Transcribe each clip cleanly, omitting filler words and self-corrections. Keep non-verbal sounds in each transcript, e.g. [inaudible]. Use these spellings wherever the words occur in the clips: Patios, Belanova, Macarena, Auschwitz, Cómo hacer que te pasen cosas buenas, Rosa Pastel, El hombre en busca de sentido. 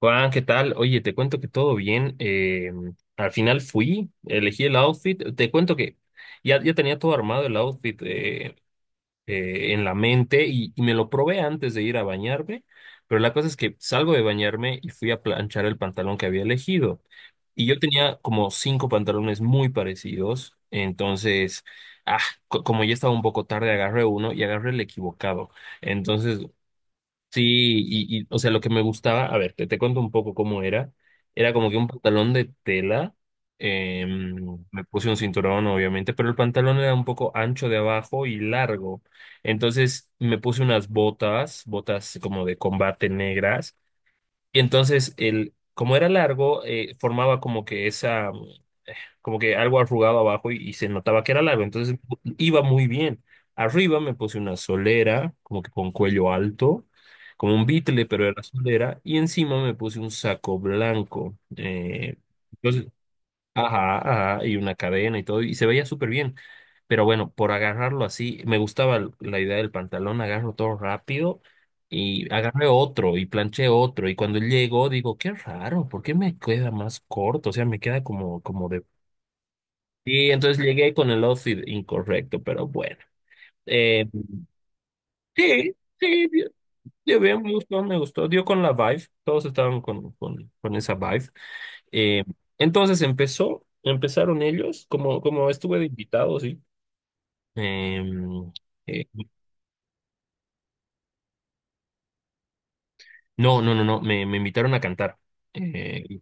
Juan, ¿qué tal? Oye, te cuento que todo bien. Al final fui, elegí el outfit. Te cuento que ya, ya tenía todo armado el outfit en la mente y me lo probé antes de ir a bañarme. Pero la cosa es que salgo de bañarme y fui a planchar el pantalón que había elegido. Y yo tenía como cinco pantalones muy parecidos. Entonces, ah, como ya estaba un poco tarde, agarré uno y agarré el equivocado. Entonces, sí, o sea, lo que me gustaba, a ver, te cuento un poco cómo era. Era como que un pantalón de tela, me puse un cinturón, obviamente, pero el pantalón era un poco ancho de abajo y largo. Entonces me puse unas botas como de combate negras. Y entonces, como era largo, formaba como que esa, como que algo arrugado abajo y se notaba que era largo, entonces iba muy bien. Arriba me puse una solera, como que con cuello alto, como un bitle, pero era solera, y encima me puse un saco blanco. Entonces, ajá, ajá, y una cadena y todo, y se veía súper bien. Pero bueno, por agarrarlo así, me gustaba la idea del pantalón, agarro todo rápido y agarré otro y planché otro. Y cuando llegó, digo, qué raro, ¿por qué me queda más corto? O sea, me queda como, como de Y entonces llegué con el outfit incorrecto, pero bueno. Eh, sí, sí, dio bien, me gustó, me gustó. Dio con la vibe, todos estaban con, con esa vibe. Eh, entonces empezaron ellos, como estuve de invitado, sí. Eh, eh, no, no, no, no, me invitaron a cantar. Eh,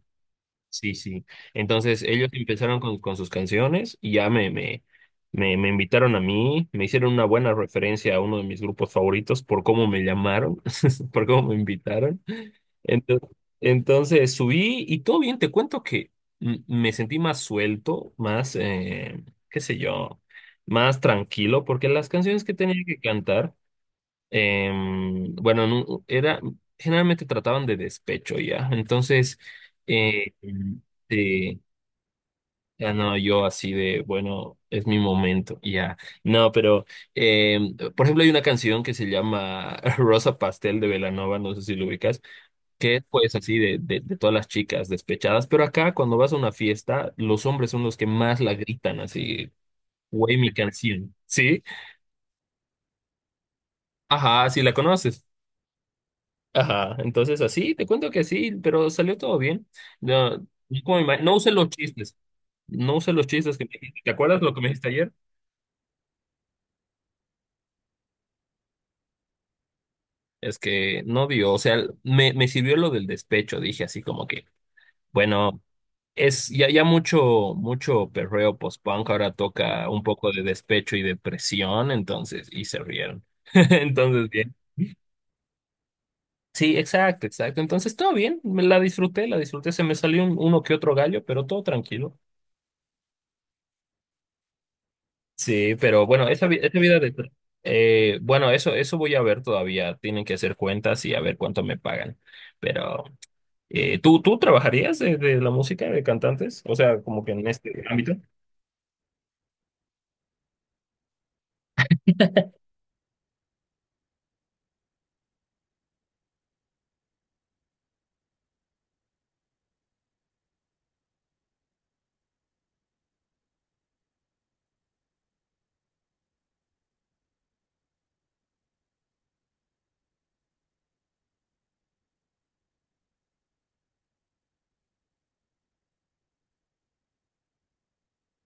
Sí, sí. Entonces ellos empezaron con sus canciones y ya me invitaron a mí, me hicieron una buena referencia a uno de mis grupos favoritos por cómo me llamaron, [laughs] por cómo me invitaron. Entonces, entonces subí y todo bien, te cuento que me sentí más suelto, más, qué sé yo, más tranquilo, porque las canciones que tenía que cantar bueno, generalmente trataban de despecho ya. Entonces, eh, eh, ya no, yo así de, bueno, es mi momento, ya. No, pero, por ejemplo, hay una canción que se llama [laughs] Rosa Pastel de Belanova, no sé si lo ubicas, que es pues así de todas las chicas despechadas, pero acá cuando vas a una fiesta, los hombres son los que más la gritan, así, güey, mi canción, ¿sí? Ajá, si la conoces. Ajá, entonces así, te cuento que sí, pero salió todo bien. No, no no usé los chistes, no usé los chistes que me dijiste. ¿Te acuerdas lo que me dijiste ayer? Es que no dio, o sea, me sirvió lo del despecho, dije así como que, bueno, es ya, ya mucho, mucho perreo post-punk, ahora toca un poco de despecho y depresión, entonces, y se rieron. [laughs] Entonces, bien. Sí, exacto, exacto. Entonces, todo bien, me la disfruté, se me salió uno que otro gallo, pero todo tranquilo. Sí, pero bueno, esa vida. Bueno eso voy a ver todavía. Tienen que hacer cuentas y a ver cuánto me pagan. Pero, ¿tú trabajarías de la música de cantantes? O sea, como que en este ámbito.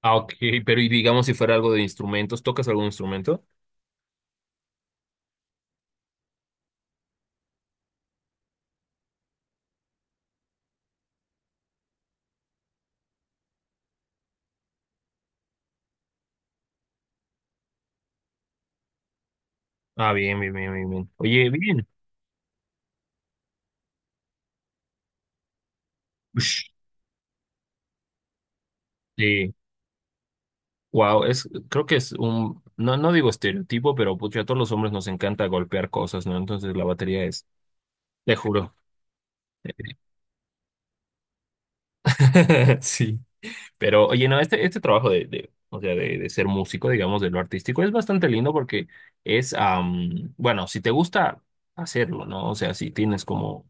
Ah, ok, pero y digamos si fuera algo de instrumentos, ¿tocas algún instrumento? Ah, bien, bien, bien, bien, bien. Oye, bien. Ush, sí. Wow, creo que es no, no digo estereotipo, pero pucha, a todos los hombres nos encanta golpear cosas, ¿no? Entonces la batería es, te juro. [laughs] Sí. Pero, oye, no, este trabajo o sea, de ser músico, digamos, de lo artístico, es bastante lindo porque es, bueno, si te gusta hacerlo, ¿no? O sea, si tienes como,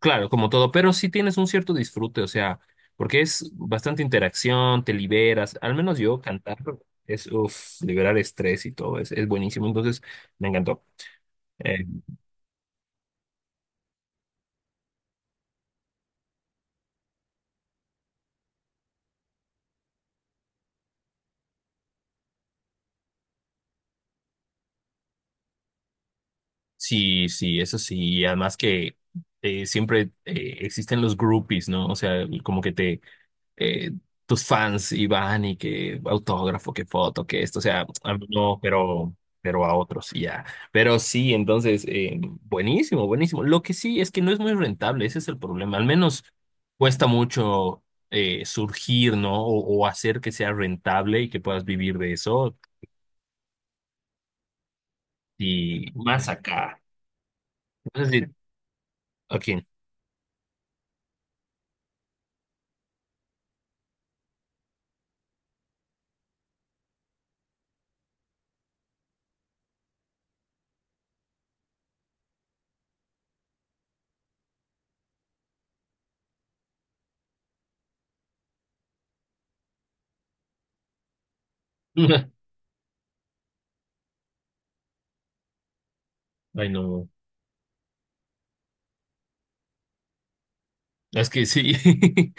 claro, como todo, pero si tienes un cierto disfrute, o sea, porque es bastante interacción, te liberas, al menos yo cantar es, uff, liberar estrés y todo, es buenísimo, entonces me encantó. Eh, sí, sí, eso sí, y además que siempre existen los groupies, ¿no? O sea, como que te eh, tus fans y van y que autógrafo, que foto, que esto, o sea, a mí no, pero a otros y ya. Pero sí, entonces, buenísimo, buenísimo. Lo que sí es que no es muy rentable, ese es el problema. Al menos cuesta mucho surgir, ¿no? O hacer que sea rentable y que puedas vivir de eso. Y más acá. Entonces, aquí. [laughs] Ay, no. Es que sí, [laughs]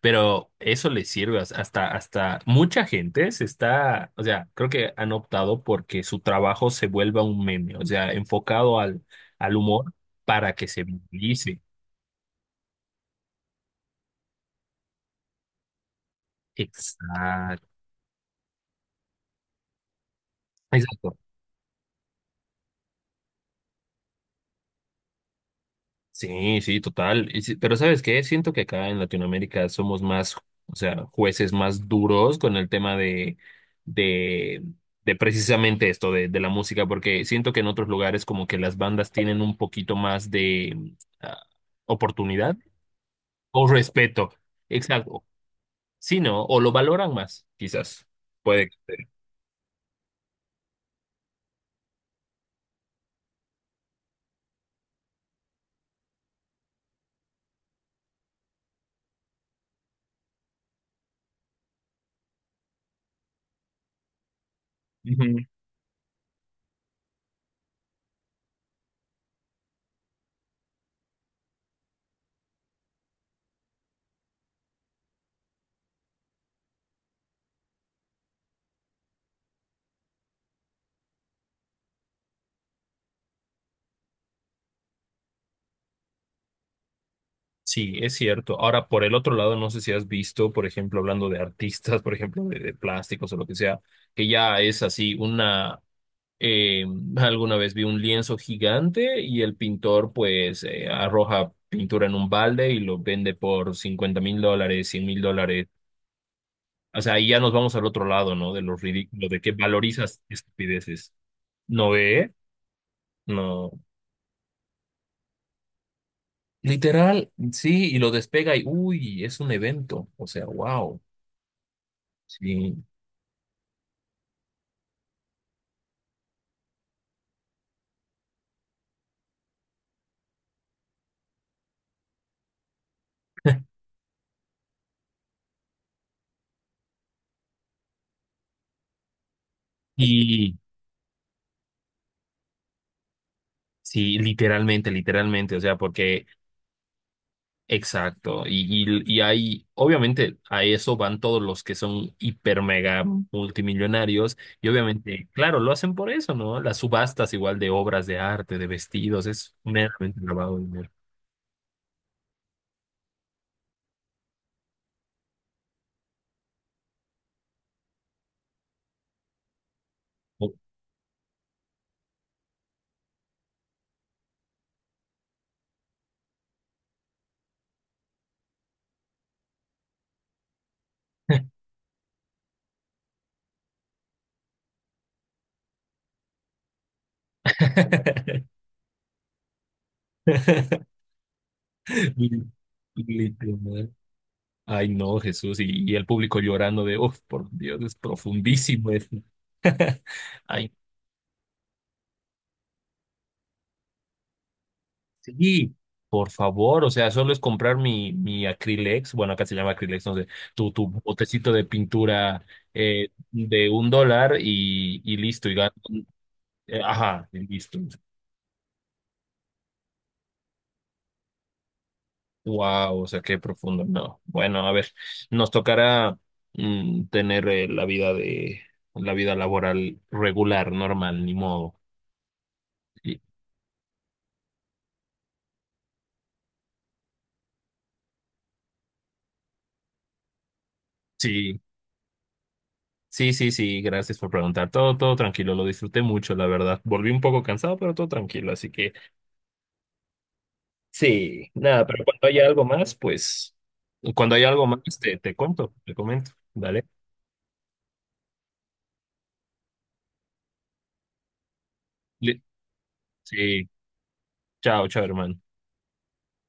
pero eso les sirve hasta mucha gente se está, o sea, creo que han optado porque su trabajo se vuelva un meme, o sea, enfocado al humor para que se viralice. Exacto. Exacto. Sí, sí, total. Pero ¿sabes qué? Siento que acá en Latinoamérica somos más, o sea, jueces más duros con el tema de, de, de, precisamente esto, de la música, porque siento que en otros lugares como que las bandas tienen un poquito más de ah, oportunidad o respeto. Exacto. Sí, ¿no? O lo valoran más, quizás. Puede que sea. Sí, es cierto. Ahora, por el otro lado, no sé si has visto, por ejemplo, hablando de artistas, [laughs] por ejemplo, de plásticos o lo que sea, que ya es así eh, alguna vez vi un lienzo gigante y el pintor pues arroja pintura en un balde y lo vende por $50,000, $100,000. O sea, ahí ya nos vamos al otro lado, ¿no? De lo ridículo, de que valorizas estupideces. ¿No ve? No. Literal, sí, y lo despega y, uy, es un evento. O sea, wow. Sí. Y sí, literalmente, literalmente, o sea, porque, exacto, y hay, obviamente, a eso van todos los que son hiper mega multimillonarios, y obviamente, claro, lo hacen por eso, ¿no? Las subastas igual de obras de arte, de vestidos, es meramente lavado de dinero. Oh. [laughs] Li- Literal. Ay, no, Jesús, y el público llorando de, uff, por Dios, es profundísimo esto. Ay, sí, por favor, o sea, solo es comprar mi Acrylex, bueno, acá se llama Acrylex, no sé, tu botecito de pintura de $1 y listo, y gano. Ajá, y listo. Wow, o sea, qué profundo. No, bueno, a ver, nos tocará tener la vida laboral regular, normal, ni modo. Y- Sí, sí, sí, sí, gracias por preguntar. Todo, todo tranquilo, lo disfruté mucho, la verdad. Volví un poco cansado, pero todo tranquilo, así que. Sí, nada, pero cuando haya algo más, pues, cuando haya algo más, te cuento, te comento, ¿vale? Li- Sí, chao, chao, hermano.